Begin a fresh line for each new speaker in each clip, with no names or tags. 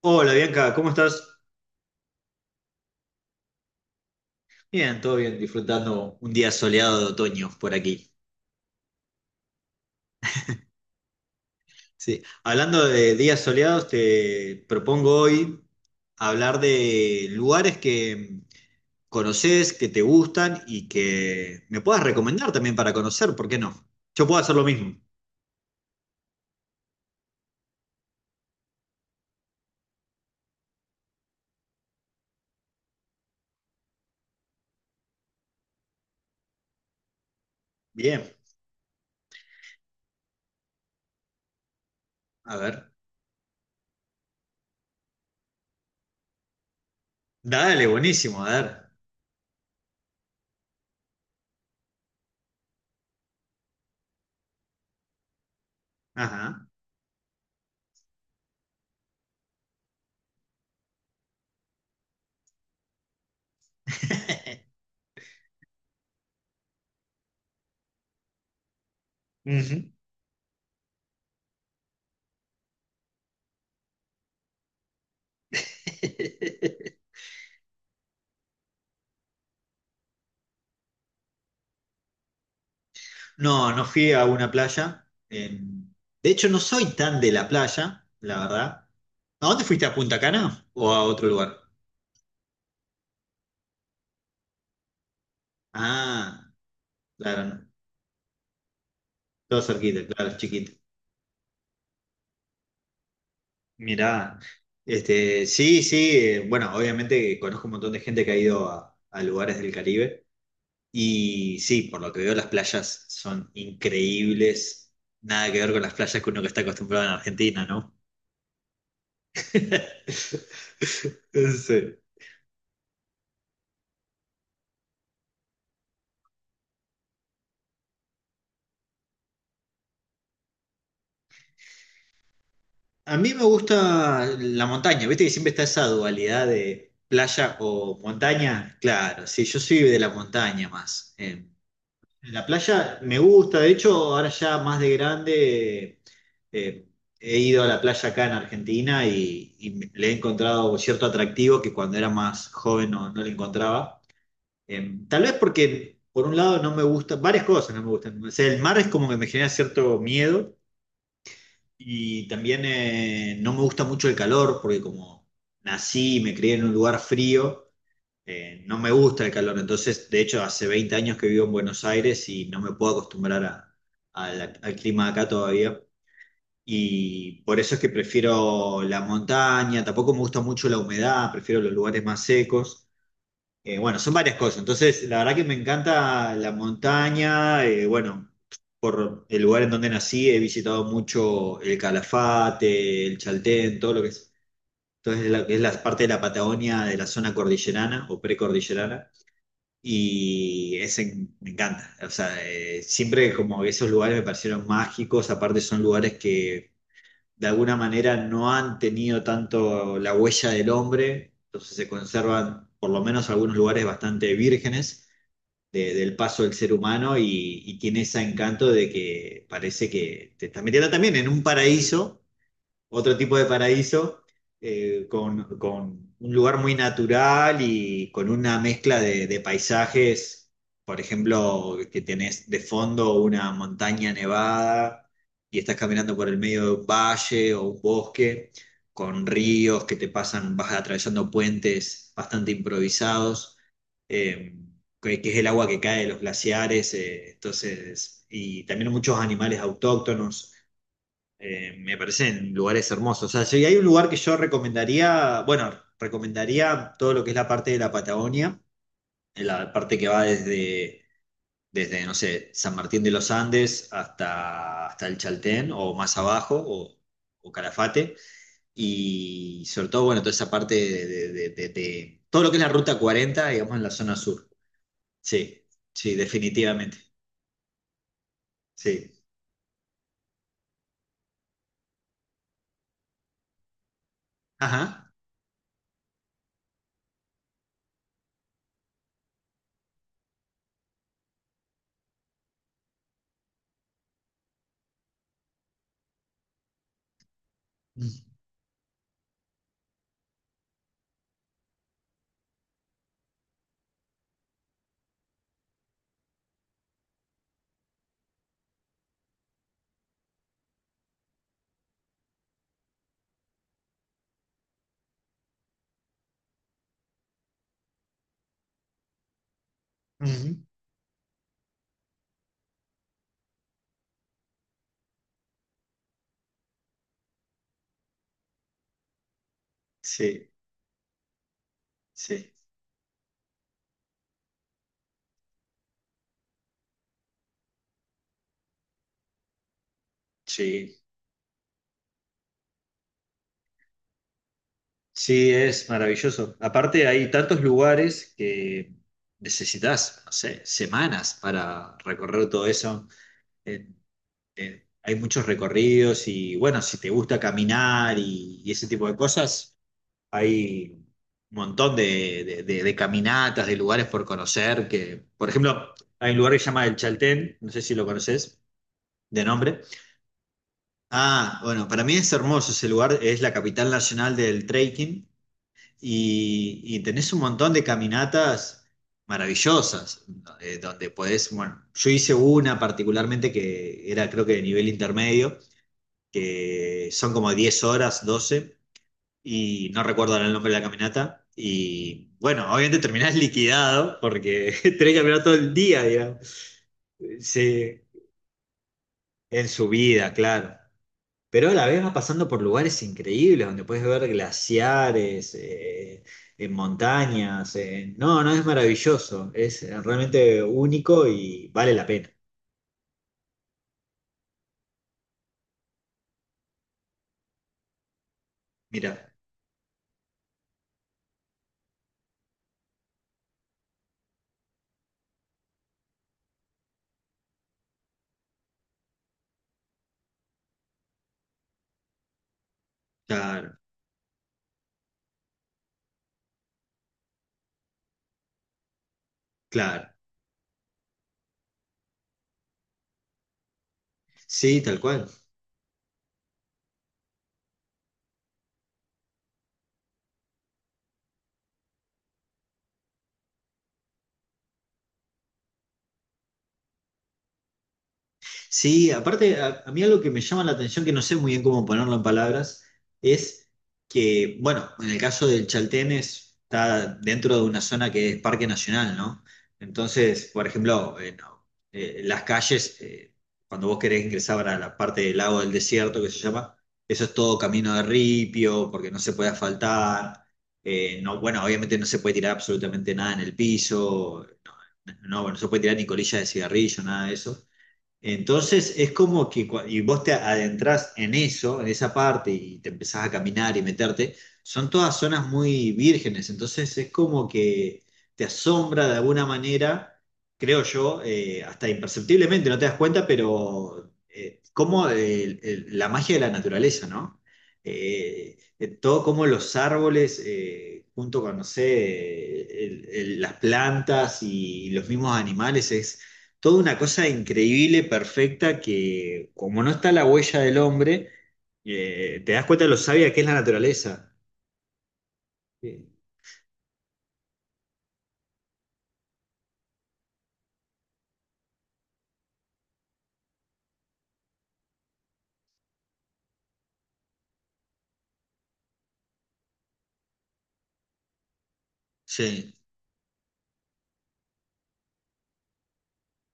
Hola Bianca, ¿cómo estás? Bien, todo bien, disfrutando un día soleado de otoño por aquí. Sí, hablando de días soleados, te propongo hoy hablar de lugares que conoces, que te gustan y que me puedas recomendar también para conocer, ¿por qué no? Yo puedo hacer lo mismo. Bien, a ver. Dale, buenísimo, a ver. Ajá. Ujú. No, no fui a una playa. De hecho, no soy tan de la playa, la verdad. ¿A dónde fuiste? ¿A Punta Cana o a otro lugar? Ah, claro, no. Todo cerquita, claro, chiquito. Mirá, este, sí, sí, bueno, obviamente conozco un montón de gente que ha ido a lugares del Caribe y sí, por lo que veo las playas son increíbles, nada que ver con las playas que uno que está acostumbrado en Argentina, ¿no? Sí. A mí me gusta la montaña, viste que siempre está esa dualidad de playa o montaña. Claro, sí, yo soy de la montaña más. La playa me gusta, de hecho, ahora ya más de grande eh, he ido a la playa acá en Argentina y le he encontrado cierto atractivo que cuando era más joven no, no le encontraba. Tal vez porque, por un lado, no me gusta, varias cosas no me gustan. O sea, el mar es como que me genera cierto miedo. Y también no me gusta mucho el calor, porque como nací y me crié en un lugar frío, no me gusta el calor. Entonces, de hecho, hace 20 años que vivo en Buenos Aires y no me puedo acostumbrar al clima de acá todavía. Y por eso es que prefiero la montaña, tampoco me gusta mucho la humedad, prefiero los lugares más secos. Bueno, son varias cosas. Entonces, la verdad que me encanta la montaña. Bueno, por el lugar en donde nací, he visitado mucho el Calafate, el Chaltén, todo lo que es, entonces, es la parte de la Patagonia de la zona cordillerana o precordillerana. Y ese me encanta. O sea, siempre como esos lugares me parecieron mágicos. Aparte, son lugares que de alguna manera no han tenido tanto la huella del hombre, entonces se conservan por lo menos algunos lugares bastante vírgenes del paso del ser humano y tiene ese encanto de que parece que te estás metiendo también en un paraíso otro tipo de paraíso, con un lugar muy natural y con una mezcla de paisajes, por ejemplo, que tenés de fondo una montaña nevada y estás caminando por el medio de un valle o un bosque, con ríos que te pasan, vas atravesando puentes bastante improvisados. eh, que es el agua que cae de los glaciares, entonces, y también muchos animales autóctonos, me parecen lugares hermosos. O sea, si hay un lugar que yo recomendaría, bueno, recomendaría todo lo que es la parte de la Patagonia, en la parte que va desde, no sé, San Martín de los Andes hasta, el Chaltén o más abajo o Calafate. Y sobre todo, bueno, toda esa parte de todo lo que es la Ruta 40, digamos, en la zona sur. Sí, sí, definitivamente. Sí. Ajá. Ujú. Sí, sí, sí. Sí, es maravilloso. Aparte, hay tantos lugares que necesitas, no sé, semanas para recorrer todo eso. Eh, hay muchos recorridos y bueno, si te gusta caminar y ese tipo de cosas, hay un montón de caminatas, de lugares por conocer, que, por ejemplo, hay un lugar que se llama El Chaltén, no sé si lo conoces de nombre. Ah, bueno, para mí es hermoso ese lugar, es la capital nacional del trekking y tenés un montón de caminatas maravillosas, donde podés, bueno, yo hice una particularmente que era creo que de nivel intermedio, que son como 10 horas, 12 y no recuerdo ahora el nombre de la caminata, y bueno, obviamente terminás liquidado porque tenés que caminar todo el día, digamos, sí, en subida, claro. Pero a la vez vas pasando por lugares increíbles donde puedes ver glaciares, en montañas. No, no es maravilloso, es realmente único y vale la pena. Mira, claro, claro. Sí, tal cual. Sí, aparte, a mí algo que me llama la atención, que no sé muy bien cómo ponerlo en palabras, es que, bueno, en el caso del Chaltén está dentro de una zona que es parque nacional, ¿no? Entonces, por ejemplo, no, las calles, cuando vos querés ingresar a la parte del lago del desierto, que se llama, eso es todo camino de ripio, porque no se puede asfaltar, no, bueno, obviamente no se puede tirar absolutamente nada en el piso, no, no, no se puede tirar ni colillas de cigarrillo, nada de eso. Entonces es como que y vos te adentrás en eso, en esa parte, y te empezás a caminar y meterte, son todas zonas muy vírgenes, entonces es como que te asombra de alguna manera, creo yo, hasta imperceptiblemente, no te das cuenta, pero como la magia de la naturaleza, ¿no? Todo como los árboles, junto con, no sé, las plantas y los mismos animales, es toda una cosa increíble, perfecta, que como no está la huella del hombre, te das cuenta de lo sabia que es la naturaleza. Eh, Sí,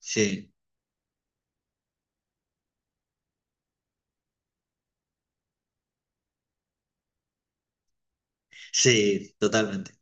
sí, sí, totalmente.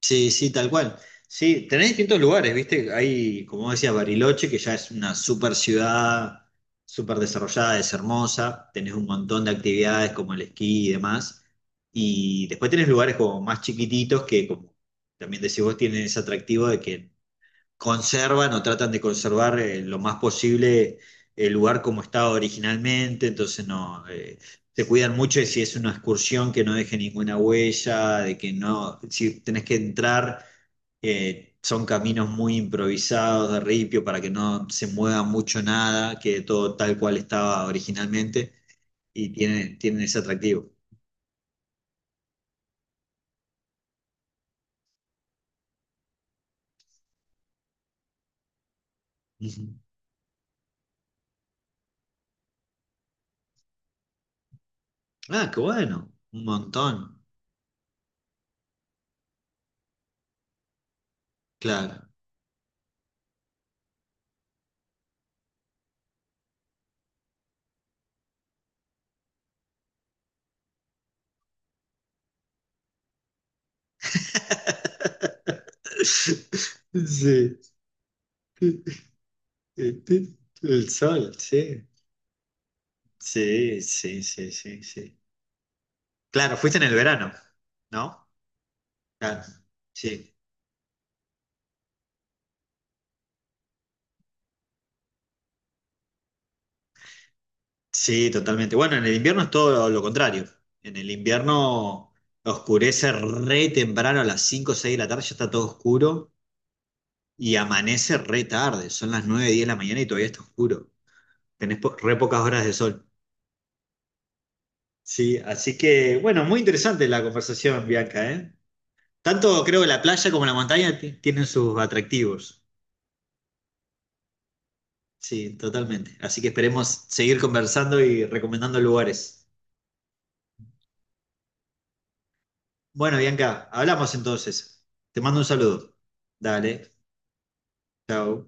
Sí, sí, tal cual. Sí, tenés distintos lugares, ¿viste? Hay, como decía, Bariloche, que ya es una super ciudad, súper desarrollada, es hermosa. Tenés un montón de actividades como el esquí y demás. Y después tenés lugares como más chiquititos que, como también decís vos, tienen ese atractivo de que conservan o tratan de conservar lo más posible el lugar como estaba originalmente, entonces no, se cuidan mucho de si es una excursión que no deje ninguna huella, de que no, si tenés que entrar, son caminos muy improvisados de ripio para que no se mueva mucho nada, que todo tal cual estaba originalmente y tienen ese atractivo. Ujú. Ah, qué bueno, un montón, claro. Sí. El sol, sí. Sí, sí, sí, sí, sí. Claro, fuiste en el verano, ¿no? Claro. Sí, sí, totalmente. Bueno, en el invierno es todo lo contrario. En el invierno oscurece re temprano a las 5 o 6 de la tarde, ya está todo oscuro y amanece re tarde, son las 9:10 de la mañana y todavía está oscuro. Tenés re pocas horas de sol. Sí, así que, bueno, muy interesante la conversación, Bianca, ¿eh? Tanto creo que la playa como la montaña tienen sus atractivos. Sí, totalmente. Así que esperemos seguir conversando y recomendando lugares. Bueno, Bianca, hablamos entonces. Te mando un saludo. Dale, chao.